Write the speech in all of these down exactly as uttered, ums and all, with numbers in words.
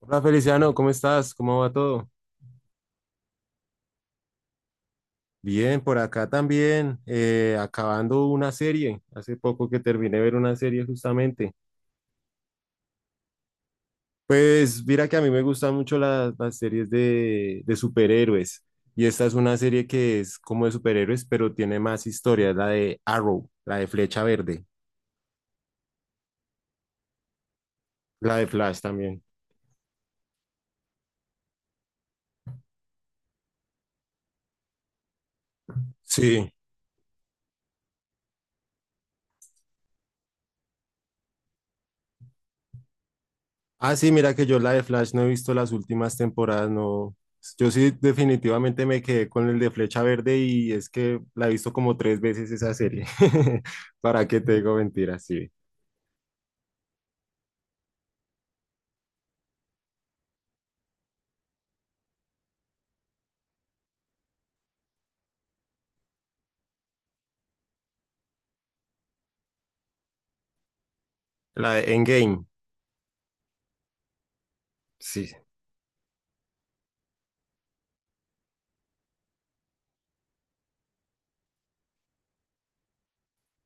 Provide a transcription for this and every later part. Hola Feliciano, ¿cómo estás? ¿Cómo va todo? Bien, por acá también, eh, acabando una serie. Hace poco que terminé de ver una serie justamente. Pues mira que a mí me gustan mucho las, las series de, de superhéroes. Y esta es una serie que es como de superhéroes, pero tiene más historia, es la de Arrow, la de Flecha Verde, la de Flash también. Sí. Ah, sí, mira que yo la de Flash no he visto las últimas temporadas, no. Yo sí definitivamente me quedé con el de Flecha Verde y es que la he visto como tres veces esa serie. ¿Para qué te digo mentiras? Sí. La de Endgame, sí.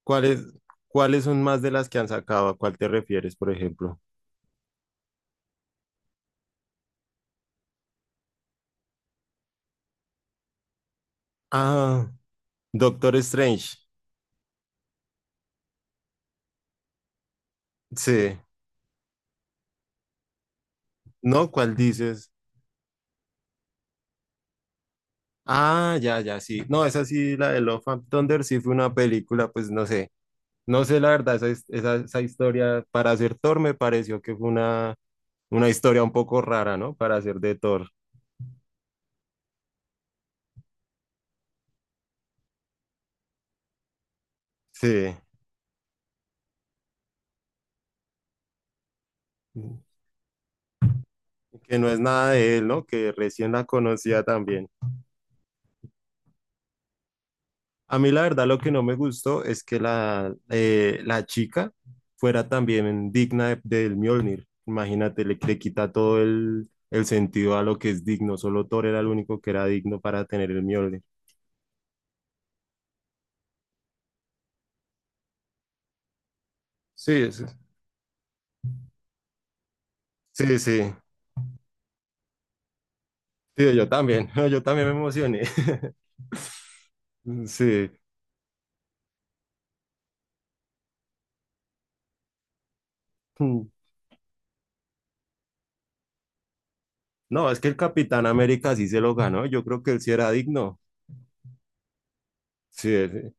¿Cuáles, cuáles son más de las que han sacado? ¿A cuál te refieres, por ejemplo? Ah, Doctor Strange. Sí. ¿No? ¿Cuál dices? Ah, ya, ya, sí. No, esa sí, la de Love and Thunder sí fue una película, pues no sé. No sé, la verdad, esa, his- esa, esa historia para hacer Thor me pareció que fue una, una historia un poco rara, ¿no? Para hacer de Thor. Sí, que no es nada de él, ¿no? Que recién la conocía también. A mí la verdad lo que no me gustó es que la, eh, la chica fuera también digna de- del Mjolnir. Imagínate, le, le quita todo el, el sentido a lo que es digno. Solo Thor era el único que era digno para tener el Mjolnir. Sí, sí, sí, sí, sí, yo también, yo también me emocioné. Sí. Mm. No, es que el Capitán América sí se lo ganó. Yo creo que él sí era digno. Sí, él-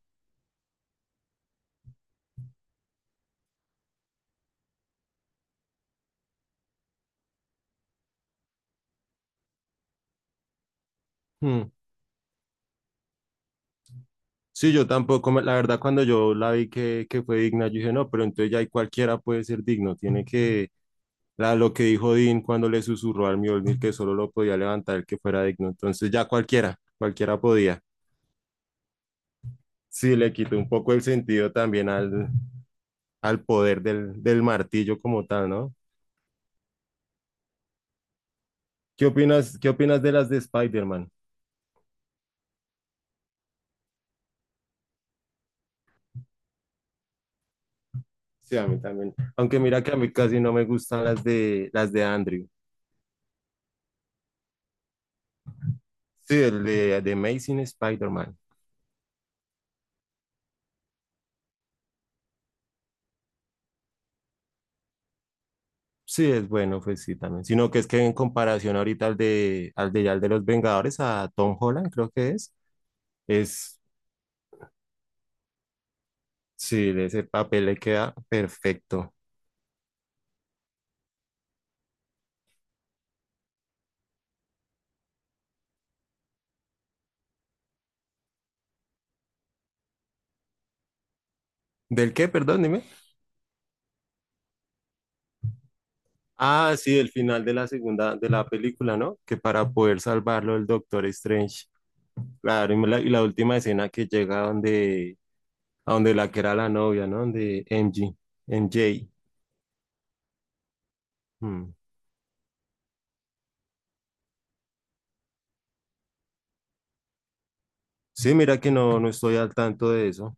Mm. Sí, yo tampoco, me- la verdad, cuando yo la vi que, que fue digna, yo dije, no, pero entonces ya ahí cualquiera puede ser digno. Tiene que, la, lo que dijo Dean cuando le susurró al Mjolnir que solo lo podía levantar el que fuera digno. Entonces ya cualquiera, cualquiera podía. Sí, le quitó un poco el sentido también al, al poder del, del martillo como tal, ¿no? ¿Qué opinas, qué opinas de las de Spider-Man? Sí, a mí también. Aunque mira que a mí casi no me gustan las de las de Andrew. Sí, el de, de Amazing Spider-Man. Sí, es bueno, pues sí, también. Sino que es que en comparación ahorita al de al de, ya al de los Vengadores, a Tom Holland, creo que es, es, sí, de ese papel le queda perfecto. ¿Del qué? Perdón, dime. Ah, sí, el final de la segunda, de la película, ¿no? Que para poder salvarlo el Doctor Strange. Claro, y la, y la última escena que llega donde a donde la que era la novia, ¿no? Donde M G, M J. Mm. Sí, mira que no, no estoy al tanto de eso.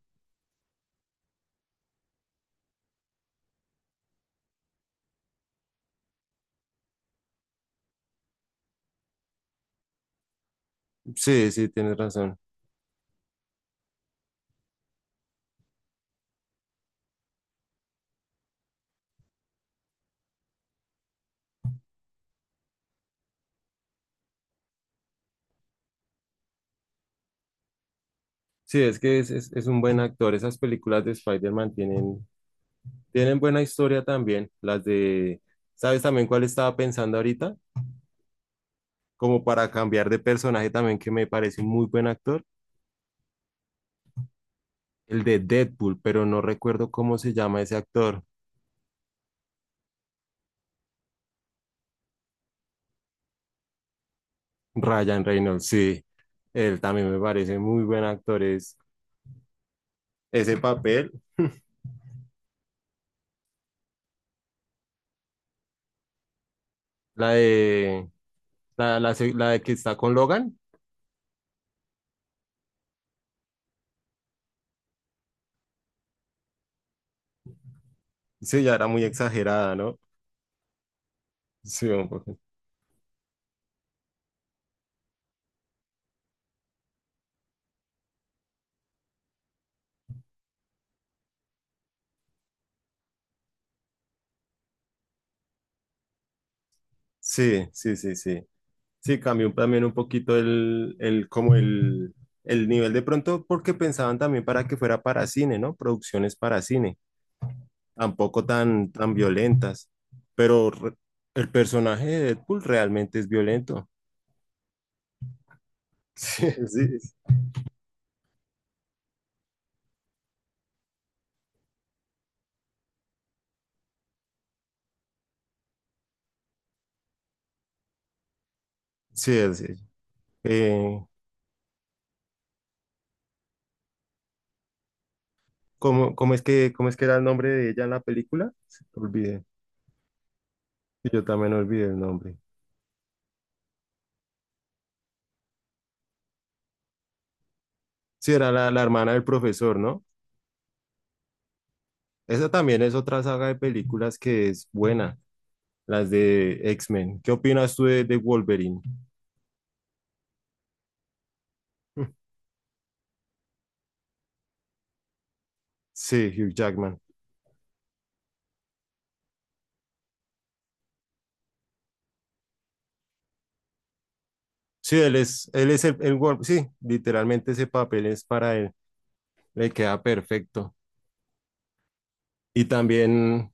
Sí, sí, tienes razón. Sí, es que es, es- es un buen actor. Esas películas de Spider-Man tienen, tienen buena historia también. Las de, ¿sabes también cuál estaba pensando ahorita? Como para cambiar de personaje también, que me parece un muy buen actor. El de Deadpool, pero no recuerdo cómo se llama ese actor. Ryan Reynolds, sí. Él también me parece muy buen actor. Es ese papel, la de La, la, se- la de que está con Logan. Sí, ya era muy exagerada, ¿no? Sí, un poco. Sí, sí, sí, sí. Sí, cambió un- también un poquito el, el, como el, el nivel de pronto, porque pensaban también para que fuera para cine, ¿no? Producciones para cine, tampoco tan, tan violentas. Pero re- el personaje de Deadpool realmente es violento. Sí, sí, sí. Es- sí. eh, ¿Cómo, cómo es que, cómo es que era el nombre de ella en la película? Olvidé. Yo también olvidé el nombre. Sí, era la, la hermana del profesor, ¿no? Esa también es otra saga de películas que es buena, las de X-Men. ¿Qué opinas tú de, de Wolverine? Sí, Hugh Jackman. Sí, él es, él es el, el Wolverine. Sí, literalmente ese papel es para él, le queda perfecto. Y también,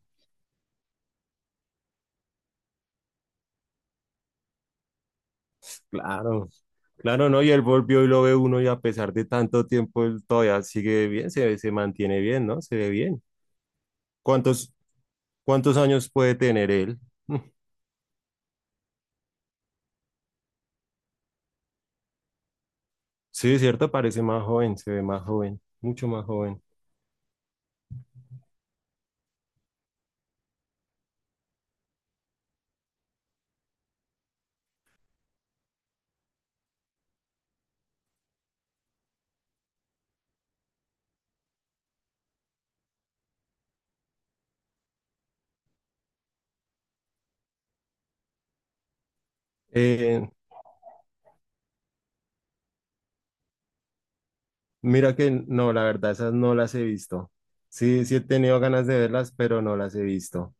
claro, claro, ¿no? Y él volvió y lo ve uno y a pesar de tanto tiempo, él todavía sigue bien, se, ve- se mantiene bien, ¿no? Se ve bien. ¿Cuántos, cuántos años puede tener él? Sí, cierto, parece más joven, se ve más joven, mucho más joven. Eh, mira que no, la verdad, esas no las he visto. Sí, sí he tenido ganas de verlas, pero no las he visto.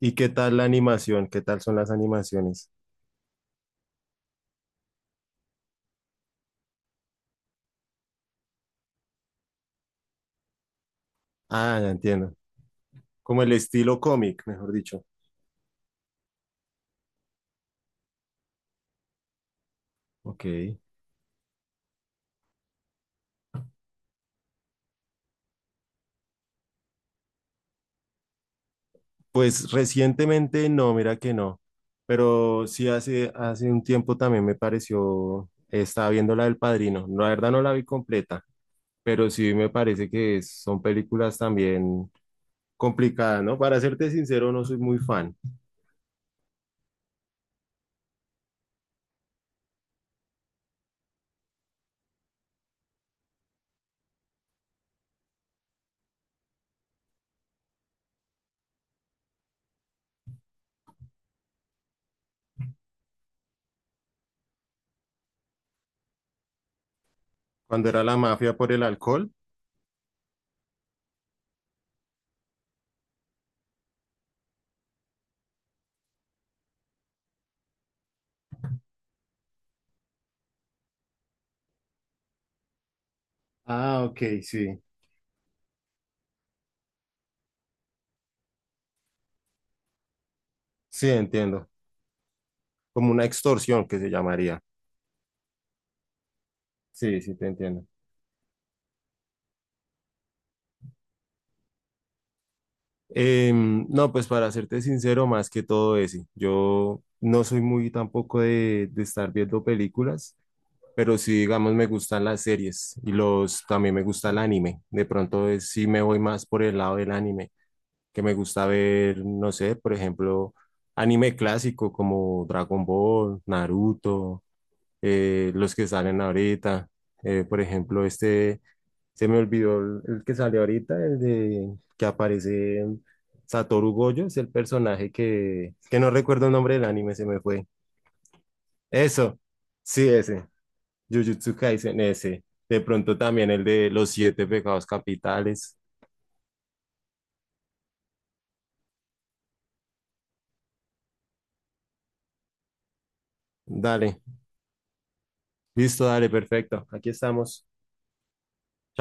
¿Y qué tal la animación? ¿Qué tal son las animaciones? Ah, ya entiendo. Como el estilo cómic, mejor dicho. Ok. Pues recientemente no, mira que no. Pero sí hace, hace un tiempo también me pareció, estaba viendo la del Padrino. La verdad no la vi completa, pero sí me parece que es- son películas también complicada, ¿no? Para serte sincero, no soy muy fan. Cuando era la mafia por el alcohol, ah, ok, sí. Sí, entiendo. Como una extorsión que se llamaría. Sí, sí, te entiendo. Em, no, pues para serte sincero, más que todo ese. Yo no soy muy tampoco de, de estar viendo películas, pero sí, digamos, me gustan las series y los, también me gusta el anime. De pronto, eh, sí me voy más por el lado del anime. Que me gusta ver, no sé, por ejemplo, anime clásico como Dragon Ball, Naruto, eh, los que salen ahorita. Eh, por ejemplo, este, se me olvidó el, el que sale ahorita, el de que aparece Satoru Gojo, es el personaje que, que no recuerdo el nombre del anime, se me fue. Eso, sí, ese, Jujutsu Kaisen, ese. De pronto también el de los siete pecados capitales. Dale, listo, dale, perfecto. Aquí estamos.